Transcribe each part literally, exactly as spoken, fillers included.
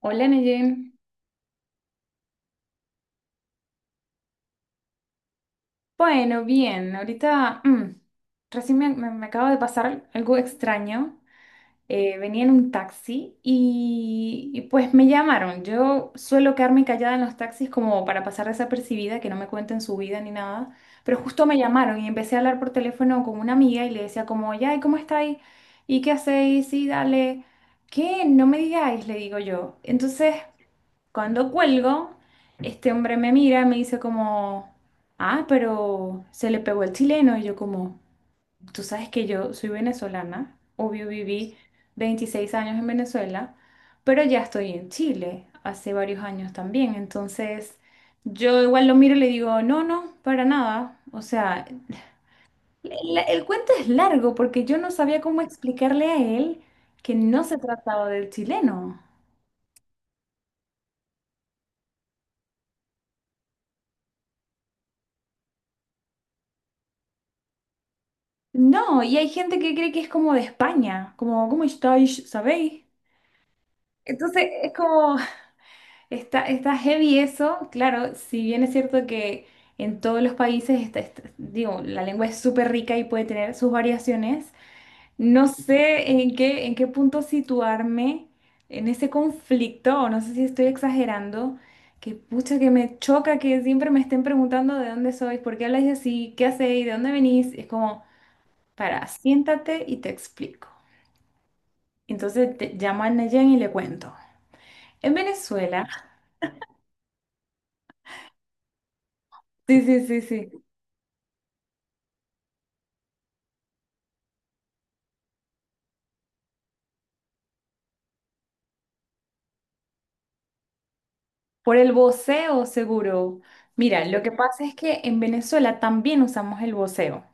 Hola, Neyen. Bueno, bien, ahorita mm, recién me, me- me acaba de pasar algo extraño. Eh, venía en un taxi y, y, pues me llamaron. Yo suelo quedarme callada en los taxis como para pasar desapercibida, que no me cuenten su vida ni nada, pero justo me llamaron y empecé a hablar por teléfono con una amiga y le decía como, ya, ¿y cómo estáis? ¿Y qué hacéis? Sí, dale. ¿Qué? No me digáis, le digo yo. Entonces... cuando cuelgo, este hombre me mira, me dice como, ah, pero se le pegó el chileno. Y yo como, tú sabes que yo soy venezolana, obvio viví veintiséis años en Venezuela, pero ya estoy en Chile hace varios años también. Entonces, yo igual lo miro y le digo, no, no, para nada. O sea, el, el cuento es largo porque yo no sabía cómo explicarle a él que no se trataba del chileno. No, y hay gente que cree que es como de España, como, ¿cómo estáis? ¿Sabéis? Entonces es como, está, está heavy eso, claro, si bien es cierto que en todos los países, está- está- digo, la lengua es súper rica y puede tener sus variaciones, no sé en qué, en qué punto situarme en ese conflicto, o no sé si estoy exagerando, que pucha que me choca que siempre me estén preguntando de dónde sois, por qué habláis así, qué hacéis, de dónde venís, es como, para, siéntate y te explico. Entonces te- llamo a Nayan y le cuento. En Venezuela, sí, sí, sí, sí. Por el voceo, seguro. Mira, lo que pasa es que en Venezuela también usamos el voceo.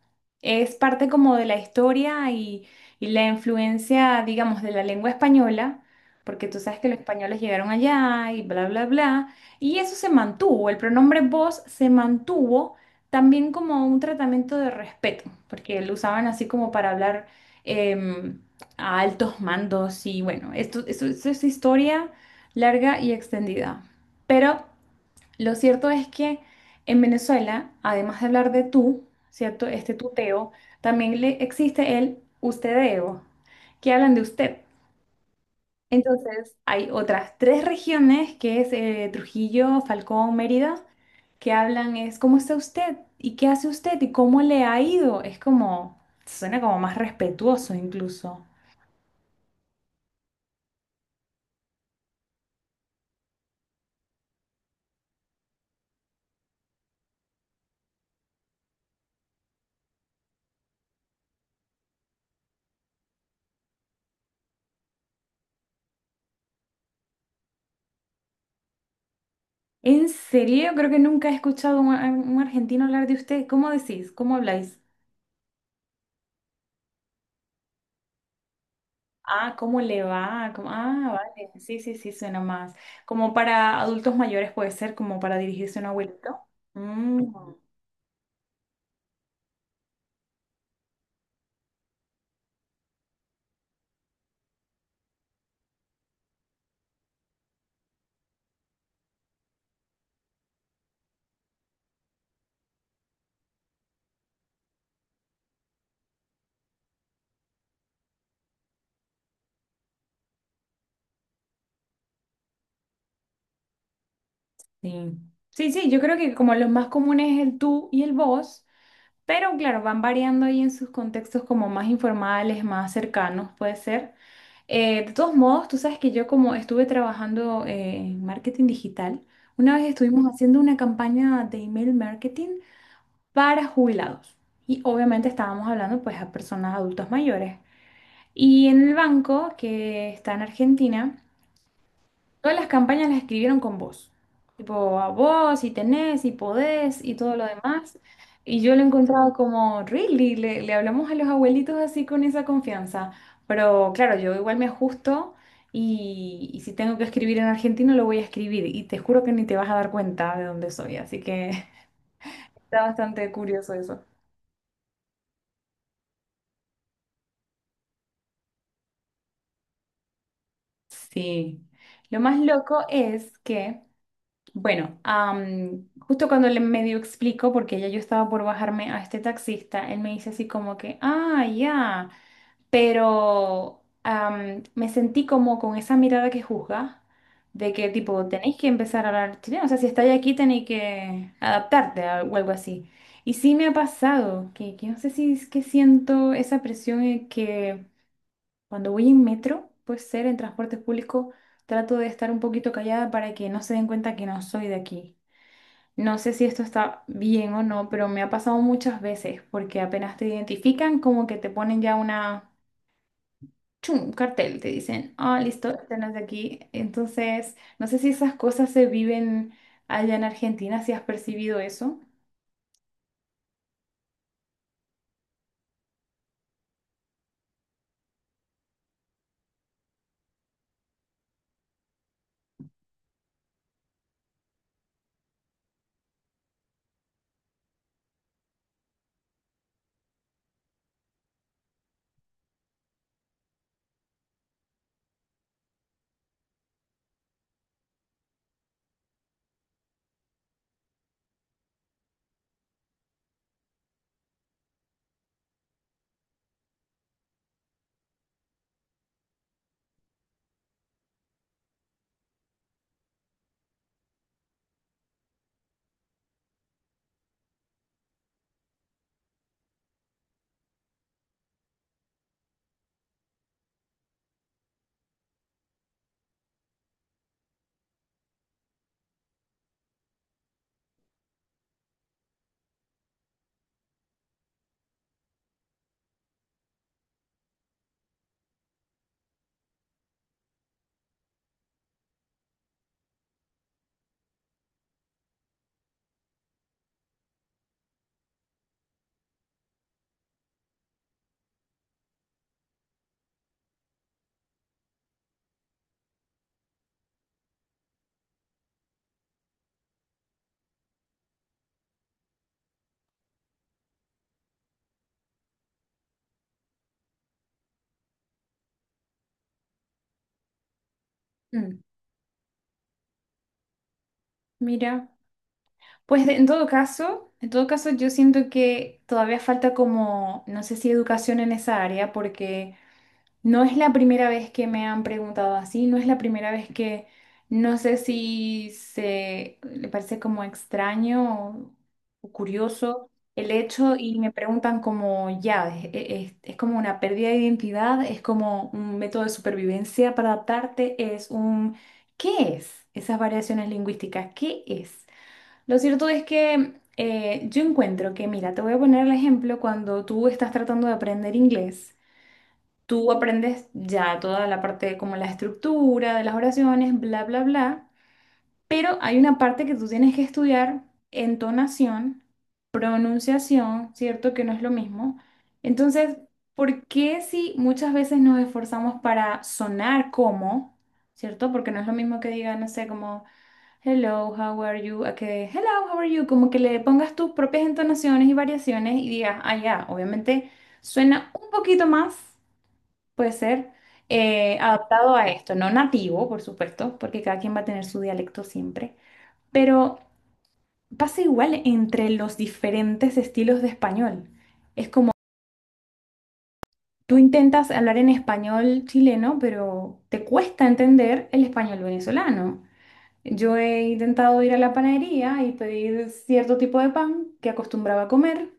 Es parte como de la historia y, y la influencia, digamos, de la lengua española, porque tú sabes que los españoles llegaron allá y bla, bla, bla. Y eso se mantuvo, el pronombre vos se mantuvo también como un tratamiento de respeto, porque lo usaban así como para hablar em, a altos mandos y bueno, esto, esto esto es historia larga y extendida. Pero lo cierto es que en Venezuela, además de hablar de tú, ¿cierto? Este tuteo, también le existe el ustedeo, que hablan de usted. Entonces, hay otras tres regiones, que es eh, Trujillo, Falcón, Mérida, que hablan es ¿cómo está usted? ¿Y qué hace usted? ¿Y cómo le ha ido? Es como, suena como más respetuoso incluso. En serio, yo creo que nunca he escuchado a un, a un argentino hablar de usted. ¿Cómo decís? ¿Cómo habláis? Ah, ¿cómo le va? ¿Cómo- ah, vale. Sí, sí, sí, suena más. Como para adultos mayores puede ser, como para dirigirse a un abuelito. Mm, sí. Sí, sí, yo creo que como los más comunes es el tú y el vos, pero claro, van variando ahí en sus contextos como más informales, más cercanos, puede ser. Eh, de todos modos, tú sabes que yo como estuve trabajando eh, en marketing digital, una vez estuvimos haciendo una campaña de email marketing para jubilados. Y obviamente estábamos hablando pues a personas adultas mayores. Y en el banco que está en Argentina, todas las campañas las escribieron con vos. Tipo, a vos, si tenés, si podés y todo lo demás. Y yo lo he encontrado como, really, le, le hablamos a los abuelitos así con esa confianza. Pero claro, yo igual me ajusto y, y si tengo que escribir en argentino lo voy a escribir. Y te juro que ni te vas a dar cuenta de dónde soy. Así que está bastante curioso eso. Sí, lo más loco es que, bueno, am, justo cuando le medio explico, porque ya yo estaba por bajarme a este taxista, él me dice así como que, ah, ya, pero am, me sentí como con esa mirada que juzga, de que tipo, tenéis que empezar a hablar chileno, o sea, si estáis aquí tenéis que adaptarte a- o algo así. Y sí me ha pasado, que, que no sé si es que siento esa presión eh, que... cuando voy en metro, puede ser en transporte público, trato de estar un poquito callada para que no se den cuenta que no soy de aquí. No sé si esto está bien o no, pero me ha pasado muchas veces porque apenas te identifican, como que te ponen ya una, chum, un cartel, te dicen, ah, listo, este no es de aquí. Entonces, no sé si esas cosas se viven allá en Argentina, si has percibido eso. Mm. Mira. Pues de- en todo caso, en todo caso yo siento que todavía falta como, no sé si educación en esa área, porque no es la primera vez que me han preguntado así, no es la primera vez que, no sé si se le parece como extraño o, o curioso el hecho y me preguntan como, ya, es, es- es como una pérdida de identidad, es como un método de supervivencia para adaptarte, es un, ¿qué es? Esas variaciones lingüísticas, ¿qué es? Lo cierto es que eh, yo encuentro que, mira, te voy a poner el ejemplo cuando tú estás tratando de aprender inglés. Tú aprendes ya toda la parte como la estructura de las oraciones, bla, bla, bla, pero hay una parte que tú tienes que estudiar, entonación, pronunciación, ¿cierto? Que no es lo mismo. Entonces, ¿por qué si muchas veces nos esforzamos para sonar como, ¿cierto? Porque no es lo mismo que diga, no sé, como... hello, how are you? A que hello, how are you? Como que le pongas tus propias entonaciones y variaciones y digas, ah, ya, obviamente suena un poquito más, puede ser, eh, adaptado a esto, no nativo, por supuesto, porque cada quien va a tener su dialecto siempre, pero pasa igual entre los diferentes estilos de español. Es como tú intentas hablar en español chileno, pero te cuesta entender el español venezolano. Yo he intentado ir a la panadería y pedir cierto tipo de pan que acostumbraba a comer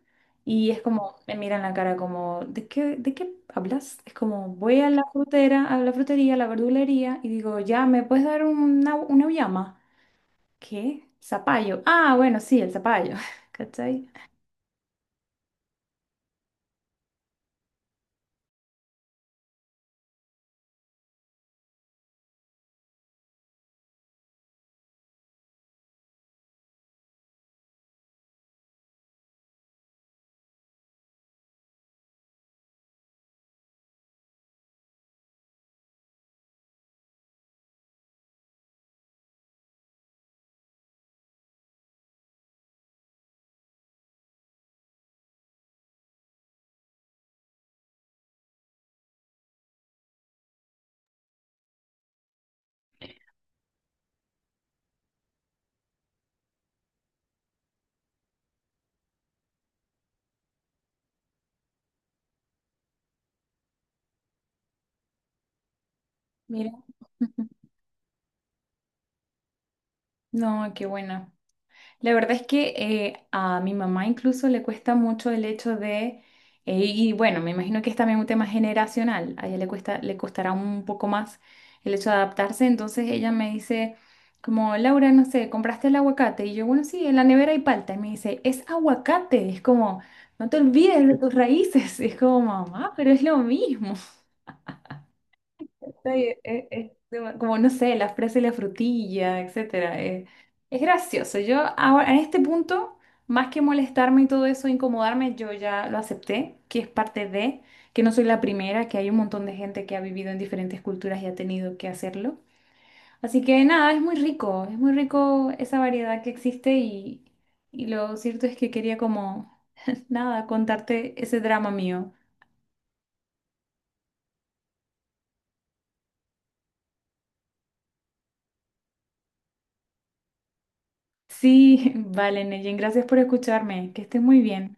y es como, me miran la cara como, ¿de qué, de qué hablas? Es como, voy a la frutera, a la frutería, a la verdulería y digo, ya, ¿me puedes dar una, una auyama? ¿Qué? Zapallo. Ah, bueno, sí, el zapallo. ¿Cachai? Mira. No, qué buena. La verdad es que eh, a mi mamá incluso le cuesta mucho el hecho de, eh, y bueno, me imagino que es también un tema generacional, a ella le cuesta, le costará un poco más el hecho de adaptarse, entonces ella me dice como, Laura, no sé, ¿compraste el aguacate? Y yo, bueno, sí, en la nevera hay palta, y me dice, es aguacate, es como, no te olvides de tus raíces, es como, mamá, pero es lo mismo. Ay, eh, eh, eh, como no sé, la fresa y la frutilla, etcétera. eh, es gracioso. Yo ahora, en este punto, más que molestarme y todo eso, incomodarme, yo ya lo acepté, que es parte de, que no soy la primera, que hay un montón de gente que ha vivido en diferentes culturas y ha tenido que hacerlo. Así que nada, es muy rico, es muy rico esa variedad que existe y, y lo cierto es que quería como, nada, contarte ese drama mío. Sí, vale, Neyen, gracias por escucharme, que estés muy bien.